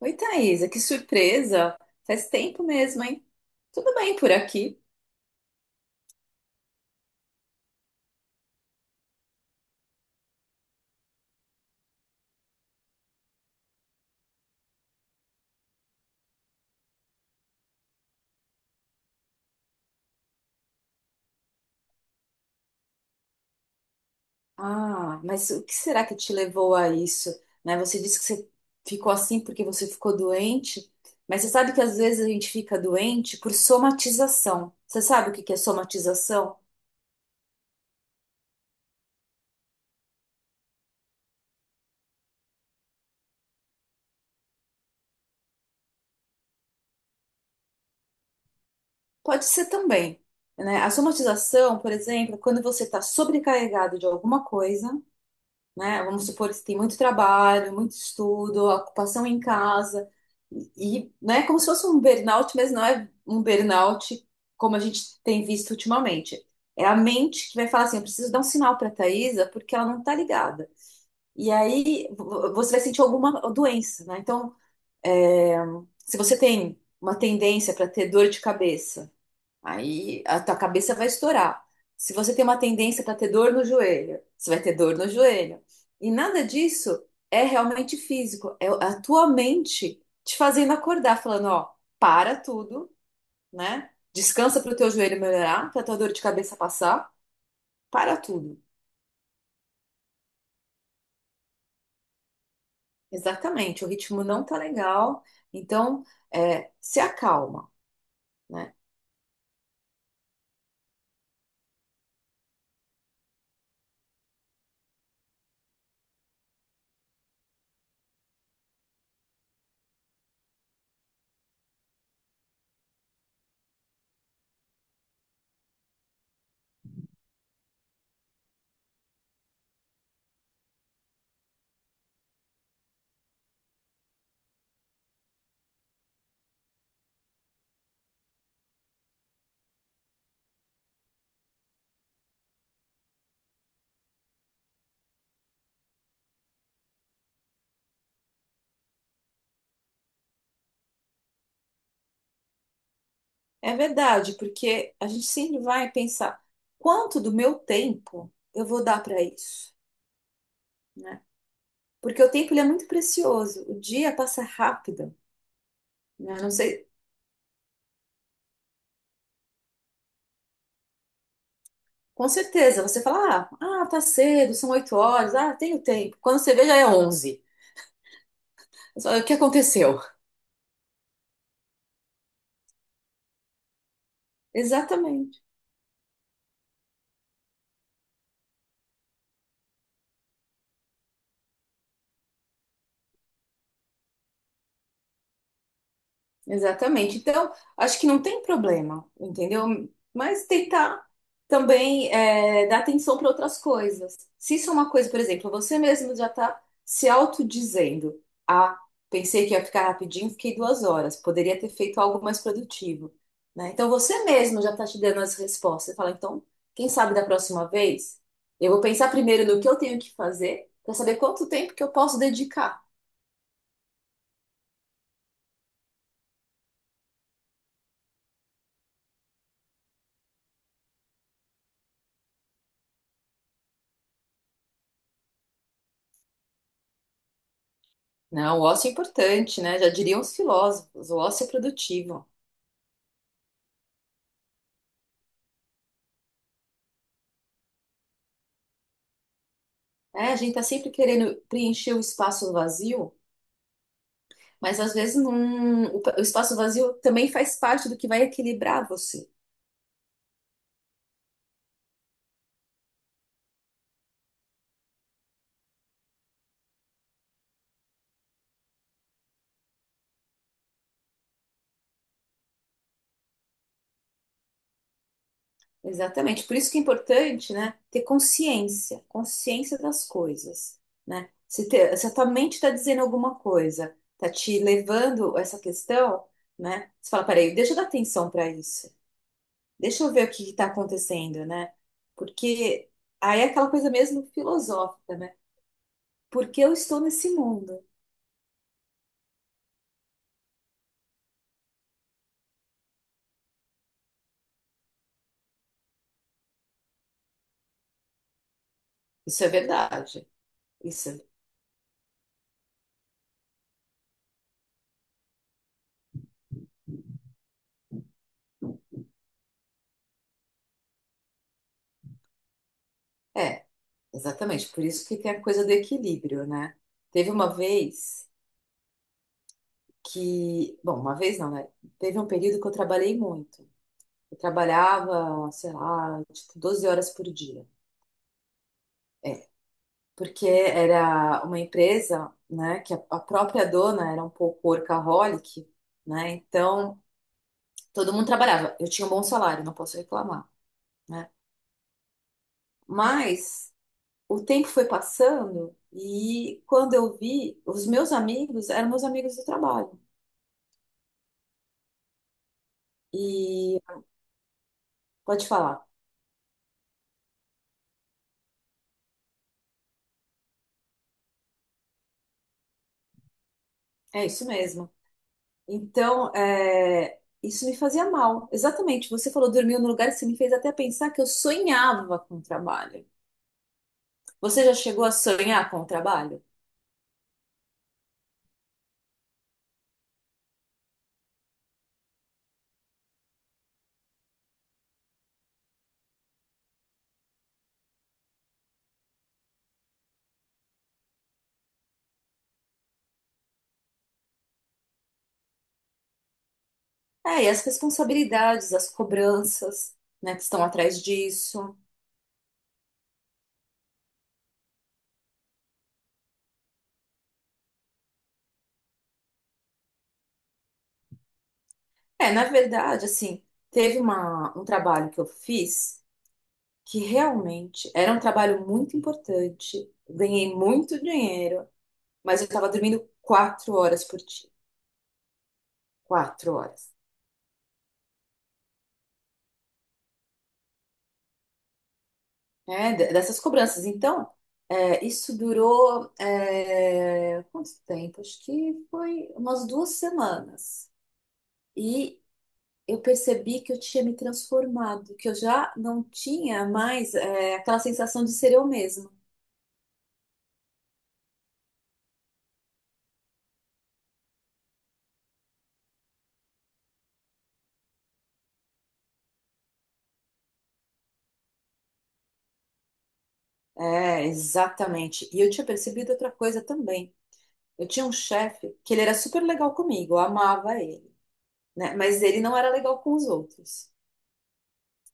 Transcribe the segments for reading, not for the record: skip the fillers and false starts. Oi, Thaisa, que surpresa! Faz tempo mesmo, hein? Tudo bem por aqui? Ah, mas o que será que te levou a isso? Né? Você disse que você ficou assim porque você ficou doente, mas você sabe que às vezes a gente fica doente por somatização. Você sabe o que que é somatização? Pode ser também, né? A somatização, por exemplo, é quando você está sobrecarregado de alguma coisa, né? Vamos supor que tem muito trabalho, muito estudo, ocupação em casa, e, né, como se fosse um burnout, mas não é um burnout como a gente tem visto ultimamente. É a mente que vai falar assim, eu preciso dar um sinal para a Thaisa porque ela não está ligada. E aí você vai sentir alguma doença, né? Então, é, se você tem uma tendência para ter dor de cabeça, aí a tua cabeça vai estourar. Se você tem uma tendência para ter dor no joelho, você vai ter dor no joelho. E nada disso é realmente físico, é a tua mente te fazendo acordar, falando, ó, para tudo, né? Descansa para o teu joelho melhorar, para a tua dor de cabeça passar, para tudo. Exatamente, o ritmo não tá legal, então se acalma, né? É verdade, porque a gente sempre vai pensar, quanto do meu tempo eu vou dar para isso? Porque o tempo ele é muito precioso. O dia passa rápido, né? Não sei, com certeza, você fala, ah, tá cedo, são 8 horas, ah, tenho tempo. Quando você vê, já é 11. Você fala, o que aconteceu? Exatamente. Exatamente. Então, acho que não tem problema, entendeu? Mas tentar também dar atenção para outras coisas. Se isso é uma coisa, por exemplo, você mesmo já está se autodizendo, ah, pensei que ia ficar rapidinho, fiquei 2 horas. Poderia ter feito algo mais produtivo, né? Então, você mesmo já está te dando as respostas. Você fala, então, quem sabe da próxima vez, eu vou pensar primeiro no que eu tenho que fazer para saber quanto tempo que eu posso dedicar. Não, o ócio é importante, né? Já diriam os filósofos, o ócio é produtivo. É, a gente tá sempre querendo preencher o espaço vazio, mas às vezes não, o espaço vazio também faz parte do que vai equilibrar você. Exatamente. Por isso que é importante, né, ter consciência, consciência das coisas, né? Se a tua mente está dizendo alguma coisa, tá te levando a essa questão, né? Você fala, peraí, deixa eu dar atenção para isso. Deixa eu ver o que está acontecendo, né? Porque aí é aquela coisa mesmo filosófica, né? Por que eu estou nesse mundo? Isso é verdade. Isso é, exatamente. Por isso que tem a coisa do equilíbrio, né? Teve uma vez que, bom, uma vez não, né? Teve um período que eu trabalhei muito. Eu trabalhava, sei lá, tipo 12 horas por dia, porque era uma empresa, né, que a própria dona era um pouco workaholic, né? Então, todo mundo trabalhava. Eu tinha um bom salário, não posso reclamar, né? Mas o tempo foi passando e quando eu vi, os meus amigos eram meus amigos do trabalho. E pode falar. É isso mesmo. Então, isso me fazia mal. Exatamente. Você falou dormiu no lugar, você me fez até pensar que eu sonhava com o trabalho. Você já chegou a sonhar com o trabalho? É, e as responsabilidades, as cobranças, né, que estão atrás disso. É, na verdade, assim, teve uma, um trabalho que eu fiz que realmente era um trabalho muito importante. Ganhei muito dinheiro, mas eu estava dormindo 4 horas por dia. 4 horas. É, dessas cobranças. Então, isso durou, é, quanto tempo? Acho que foi umas 2 semanas. E eu percebi que eu tinha me transformado, que eu já não tinha mais, é, aquela sensação de ser eu mesma. É, exatamente. E eu tinha percebido outra coisa também. Eu tinha um chefe que ele era super legal comigo, eu amava ele, né? Mas ele não era legal com os outros,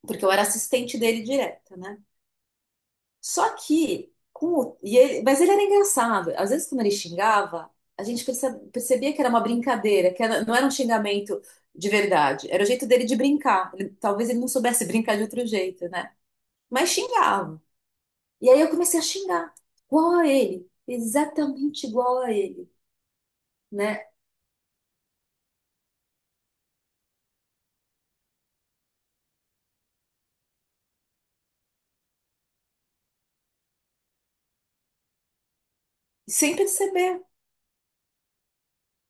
porque eu era assistente dele direta, né? Só que, com o- e ele- mas ele era engraçado. Às vezes, quando ele xingava, a gente percebia que era uma brincadeira, não era um xingamento de verdade. Era o jeito dele de brincar. Talvez ele não soubesse brincar de outro jeito, né? Mas xingava. E aí eu comecei a xingar, igual a ele, exatamente igual a ele, né? Sem perceber,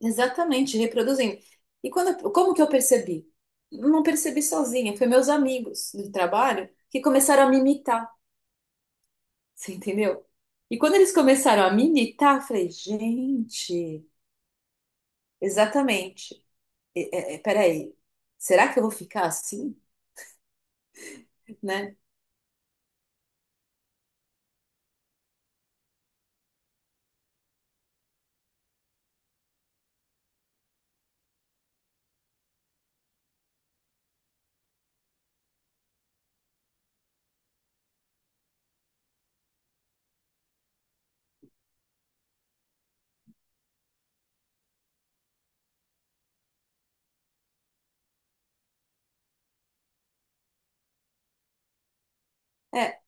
exatamente, reproduzindo. E quando, como que eu percebi? Não percebi sozinha, foi meus amigos do trabalho que começaram a me imitar. Você entendeu? E quando eles começaram a militar, eu falei, gente, exatamente. Peraí, será que eu vou ficar assim, né? É,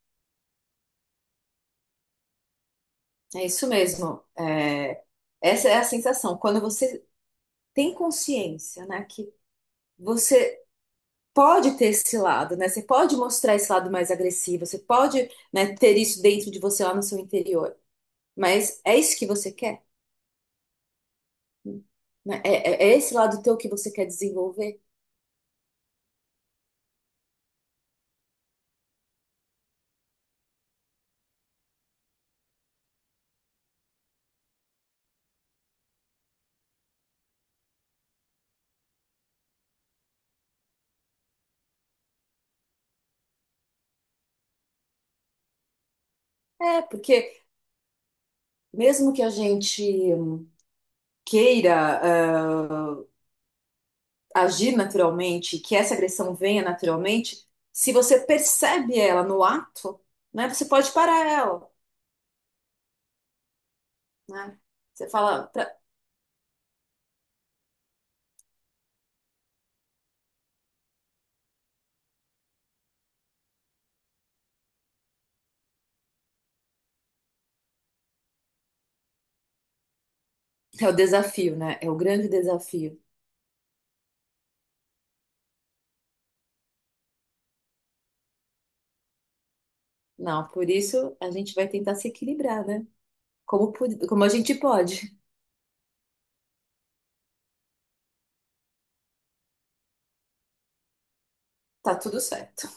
é isso mesmo. É, essa é a sensação. Quando você tem consciência, né, que você pode ter esse lado, né? Você pode mostrar esse lado mais agressivo, você pode, né, ter isso dentro de você lá no seu interior. Mas é isso que você quer? Né? É, é esse lado teu que você quer desenvolver? É, porque mesmo que a gente queira, ah, agir naturalmente, que essa agressão venha naturalmente, se você percebe ela no ato, né, você pode parar ela, né? Você fala, é o desafio, né? É o grande desafio. Não, por isso a gente vai tentar se equilibrar, né? Como, como a gente pode. Tá tudo certo.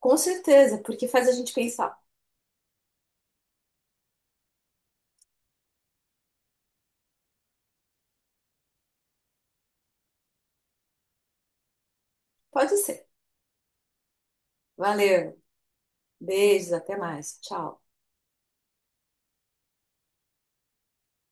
Com certeza, porque faz a gente pensar. Pode ser. Valeu. Beijos, até mais. Tchau.